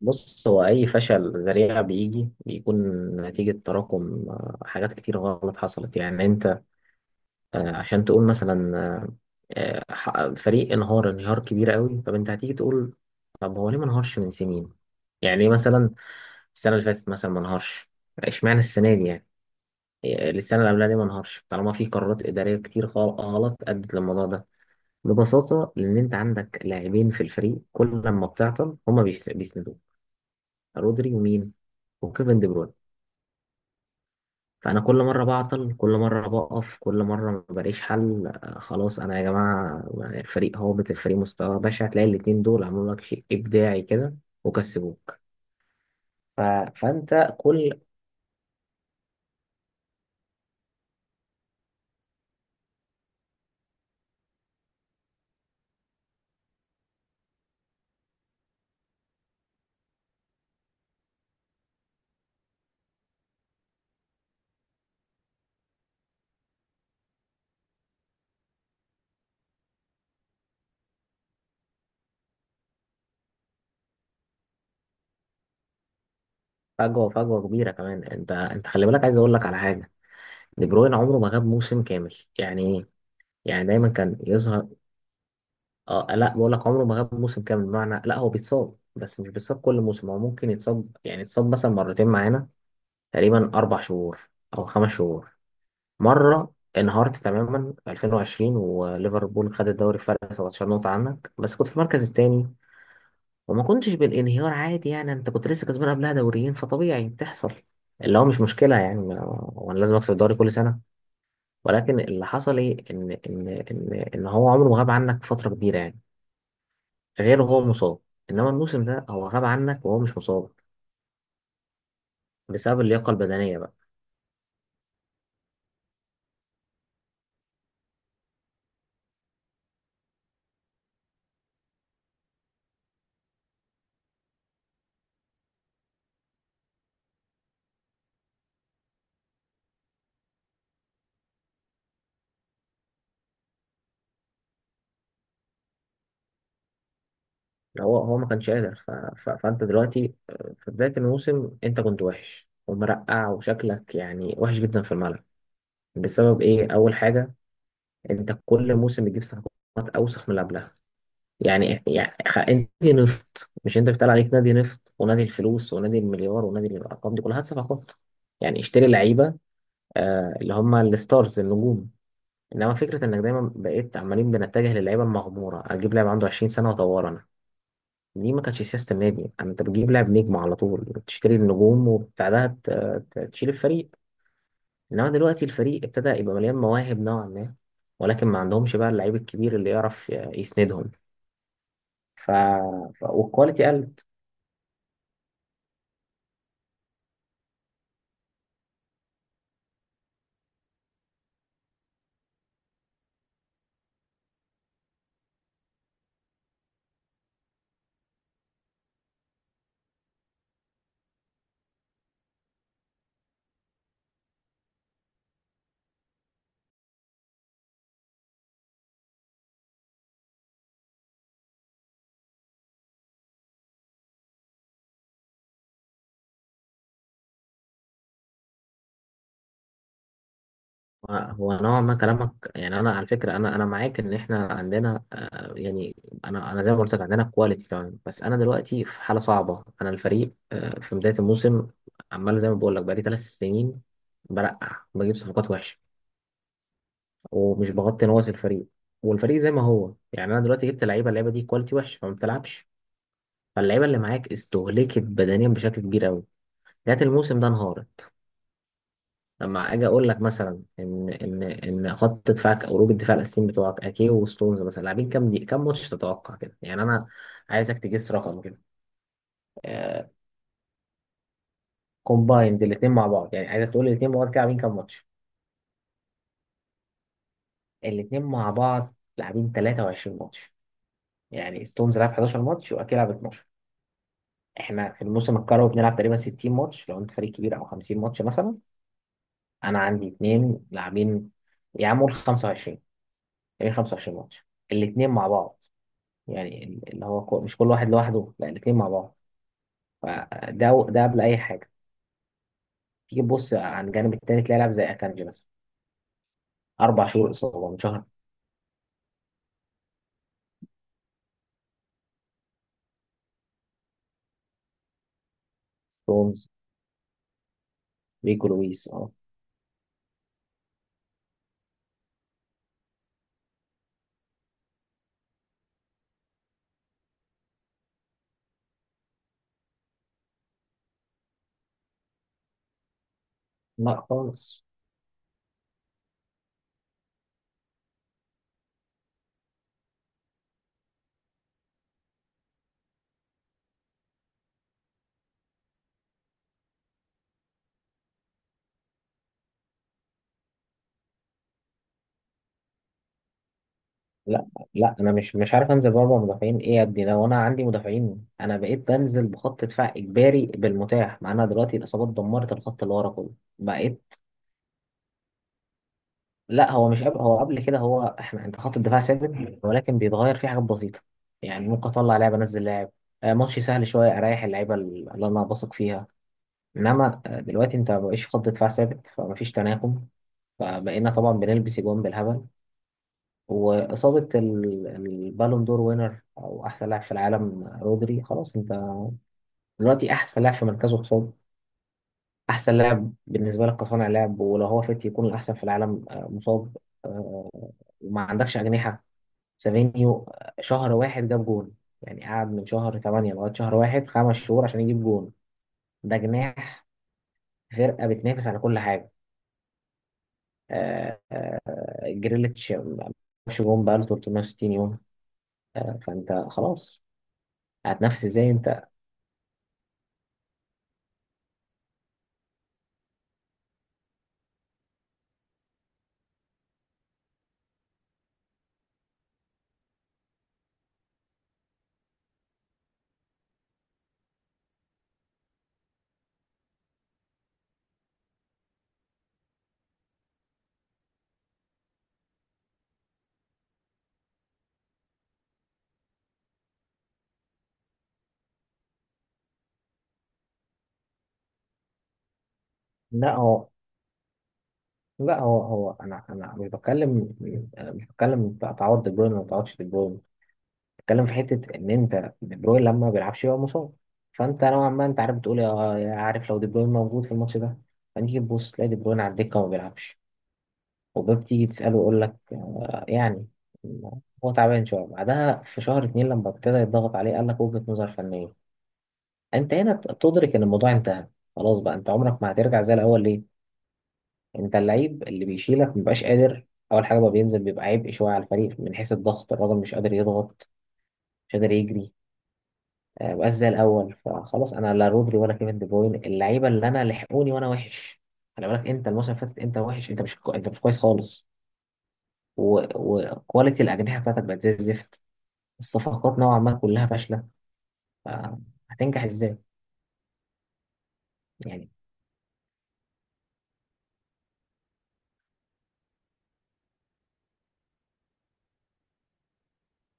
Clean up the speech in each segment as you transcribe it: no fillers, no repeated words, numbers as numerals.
بص، هو أي فشل ذريع بيجي بيكون نتيجة تراكم حاجات كتير غلط حصلت. يعني أنت عشان تقول مثلا آه، فريق انهار انهيار كبير قوي، طب أنت هتيجي تقول طب هو ليه ما انهارش من سنين؟ يعني ليه مثلا السنة اللي فاتت مثلا ما انهارش؟ اشمعنى السنة دي يعني؟ السنة اللي قبلها ليه ما انهارش؟ طالما في قرارات إدارية كتير غلط أدت للموضوع ده. ببساطة لأن أنت عندك لاعبين في الفريق كل لما بتعطل هما بيسندوك. رودري ومين؟ وكيفن دي بروين. فأنا كل مرة بعطل، كل مرة بقف، كل مرة ما بلاقيش حل، خلاص أنا يا جماعة الفريق هابط، الفريق مستوى بشع، هتلاقي الاتنين دول عملوا لك شيء إبداعي كده وكسبوك. ف... فأنت كل فجوة كبيرة كمان. أنت خلي بالك، عايز أقول لك على حاجة. دي بروين عمره ما غاب موسم كامل. يعني إيه؟ يعني دايما كان يظهر. اه، لا، بقول لك عمره ما غاب موسم كامل، بمعنى لا هو بيتصاب بس مش بيتصاب كل موسم، هو ممكن يتصاب يعني يتصاب مثلا مرتين معانا تقريبا أربع شهور أو خمس شهور مرة. انهارت تماما في 2020 وليفربول خد الدوري فرق 17 نقطة عنك بس كنت في المركز الثاني، وما كنتش بالانهيار عادي، يعني انت كنت لسه كسبان قبلها دوريين فطبيعي بتحصل، اللي هو مش مشكلة يعني وانا لازم اكسب الدوري كل سنة. ولكن اللي حصل ايه، ان هو عمره ما غاب عنك فترة كبيرة يعني غير هو مصاب، انما الموسم ده هو غاب عنك وهو مش مصاب، بسبب اللياقة البدنية. يعني هو ما كانش قادر. فانت دلوقتي، في بدايه الموسم انت كنت وحش ومرقع وشكلك يعني وحش جدا في الملعب. بسبب ايه؟ اول حاجه، انت كل موسم بتجيب صفقات اوسخ من اللي قبلها. يعني انت نادي نفط، مش انت بيتقال عليك نادي نفط ونادي الفلوس ونادي المليار ونادي الارقام، دي كلها هات صفقات يعني. اشتري لعيبه، آه اللي هم الستارز النجوم. انما فكره انك دايما بقيت عمالين بنتجه للعيبه المغموره، اجيب لاعب عنده 20 سنه واطوره، دي ما كانتش سياسة النادي. انت بتجيب لاعب نجم على طول، بتشتري النجوم وبتاعها تشيل الفريق. انما دلوقتي الفريق ابتدى يبقى مليان مواهب نوعا ما، ولكن ما عندهمش بقى اللعيب الكبير اللي يعرف يسندهم. ف... والكواليتي قلت. هو نوعا ما كلامك، يعني انا على فكرة، انا معاك ان احنا عندنا، يعني انا زي ما قلت لك عندنا كواليتي تمام، بس انا دلوقتي في حالة صعبة. انا الفريق في بداية الموسم عمال زي ما بقول لك بقالي ثلاث سنين برقع، بجيب صفقات وحشة ومش بغطي نواقص الفريق، والفريق زي ما هو. يعني انا دلوقتي جبت لعيبه، اللعيبه دي كواليتي وحش فما بتلعبش، فاللعيبه اللي معاك استهلكت بدنيا بشكل كبير قوي، جات الموسم ده انهارت. لما اجي اقول لك مثلا ان خط دفاعك او روج الدفاع الاساسيين بتوعك اكي وستونز مثلا، لاعبين كام، دي كام ماتش تتوقع كده يعني؟ انا عايزك تجس رقم كده. آه كومبايند الاثنين مع بعض، يعني عايزك تقول لي الاثنين مع بعض كده لاعبين كام ماتش. الاثنين مع بعض لاعبين 23 ماتش، يعني ستونز لعب 11 ماتش واكي لعب 12. احنا في الموسم الكروي بنلعب تقريبا 60 ماتش لو انت فريق كبير، او 50 ماتش مثلا. انا عندي اتنين لاعبين، يا عم قول 25، تقريبا 25 ماتش الاتنين مع بعض، يعني مش كل واحد لوحده، لا، الاتنين مع بعض. فده قبل اي حاجه. تيجي تبص عن الجانب التاني تلاقي لاعب زي اكانجي مثلا، اربع شهور اصابه، من شهر. جونز، ريكو لويس. اه. لا خالص. لا لا انا مش عارف انزل باربع مدافعين، ايه يا ابني؟ لو انا عندي مدافعين. انا بقيت بنزل بخط دفاع اجباري بالمتاح معانا دلوقتي، الاصابات دمرت الخط اللي ورا كله، بقيت... لا هو مش قبل، هو قبل كده، هو احنا انت خط الدفاع ثابت ولكن بيتغير فيه حاجات بسيطه. يعني ممكن اطلع لاعب انزل لاعب، ماتش سهل شويه اريح اللعيبه اللي انا بثق فيها. انما دلوقتي انت مبقاش خط دفاع ثابت فمفيش تناغم، فبقينا طبعا بنلبس اجوان بالهبل. وإصابة البالون دور وينر أو أحسن لاعب في العالم رودري، خلاص أنت دلوقتي أحسن لاعب في مركزه مصاب، أحسن لاعب بالنسبة لك كصانع لعب ولو هو فت يكون الأحسن في العالم مصاب. آه، وما عندكش أجنحة. سافينيو شهر واحد جاب جون، يعني قعد من شهر 8 لغاية شهر واحد خمس شهور عشان يجيب جون. ده جناح فرقة بتنافس على كل حاجة. آه، آه، جريليتش ما جابش جون بقاله 360 يوم. فأنت خلاص هتنافس ازاي انت؟ لا هو لا هو انا مش بتكلم، انا مش بتكلم تعوض دي بروين ولا ما تعوضش دي بروين، بتكلم في حته ان انت دي بروين لما ما بيلعبش يبقى مصاب. فانت نوعا ما انت عارف بتقول يا عارف لو دي بروين موجود في الماتش ده. فنيجي تبص تلاقي دي بروين على الدكه وما بيلعبش، وباب تيجي تساله يقول لك، يعني هو تعبان شويه. بعدها في شهر اتنين لما ابتدى يضغط عليه قال لك وجهه نظر فنيه. انت هنا بتدرك ان الموضوع انتهى، خلاص بقى انت عمرك ما هترجع زي الاول. ليه؟ انت اللعيب اللي بيشيلك مبيبقاش قادر. اول حاجه بقى بينزل بيبقى عبء شويه على الفريق من حيث الضغط، الراجل مش قادر يضغط، مش قادر يجري، مبقاش زي الاول. فخلاص انا لا رودري ولا كيفن دي بروين، اللعيبه اللي انا لحقوني وانا وحش. خلي بالك انت الموسم اللي فاتت انت وحش، انت مش كو... انت مش كويس خالص. و- وكواليتي الاجنحه بتاعتك بقت زي الزفت، الصفقات نوعا ما كلها فاشله. آه، هتنجح ازاي يعني؟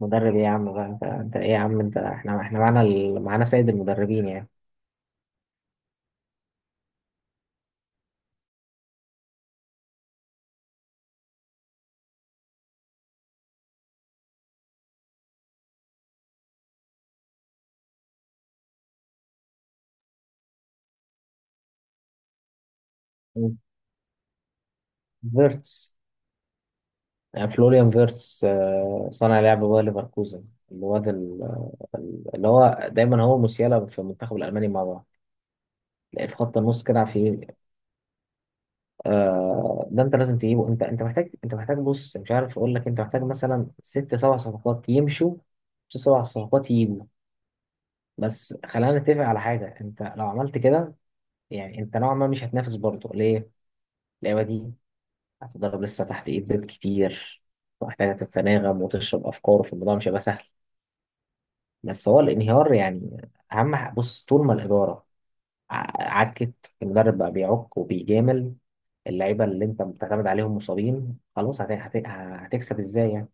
مدرب ايه يا عم بقى، انت ايه يا عم انت، احنا معانا معانا سيد المدربين يعني. فيرتس، فلوريان فيرتس، صانع لعب باير ليفركوزن، الواد اللي هو دايما هو موسيالا في المنتخب الالماني مع بعض، تلاقيه في خط النص كده في. آه ده انت لازم تجيبه. انت محتاج، انت محتاج بص مش عارف اقول لك، انت محتاج مثلا ست سبع صفقات يمشوا، ست سبع صفقات يجوا. بس خلينا نتفق على حاجه، انت لو عملت كده يعني انت نوعا ما مش هتنافس برضه. ليه؟ اللعبه دي هتضرب لسه تحت ايد بيت كتير، محتاجه تتناغم وتشرب افكاره في الموضوع، مش هيبقى سهل. بس هو الانهيار يعني اهم بص، طول ما الاداره عكت، المدرب بقى بيعك وبيجامل، اللعيبه اللي انت بتعتمد عليهم مصابين، خلاص هتكسب ازاي يعني؟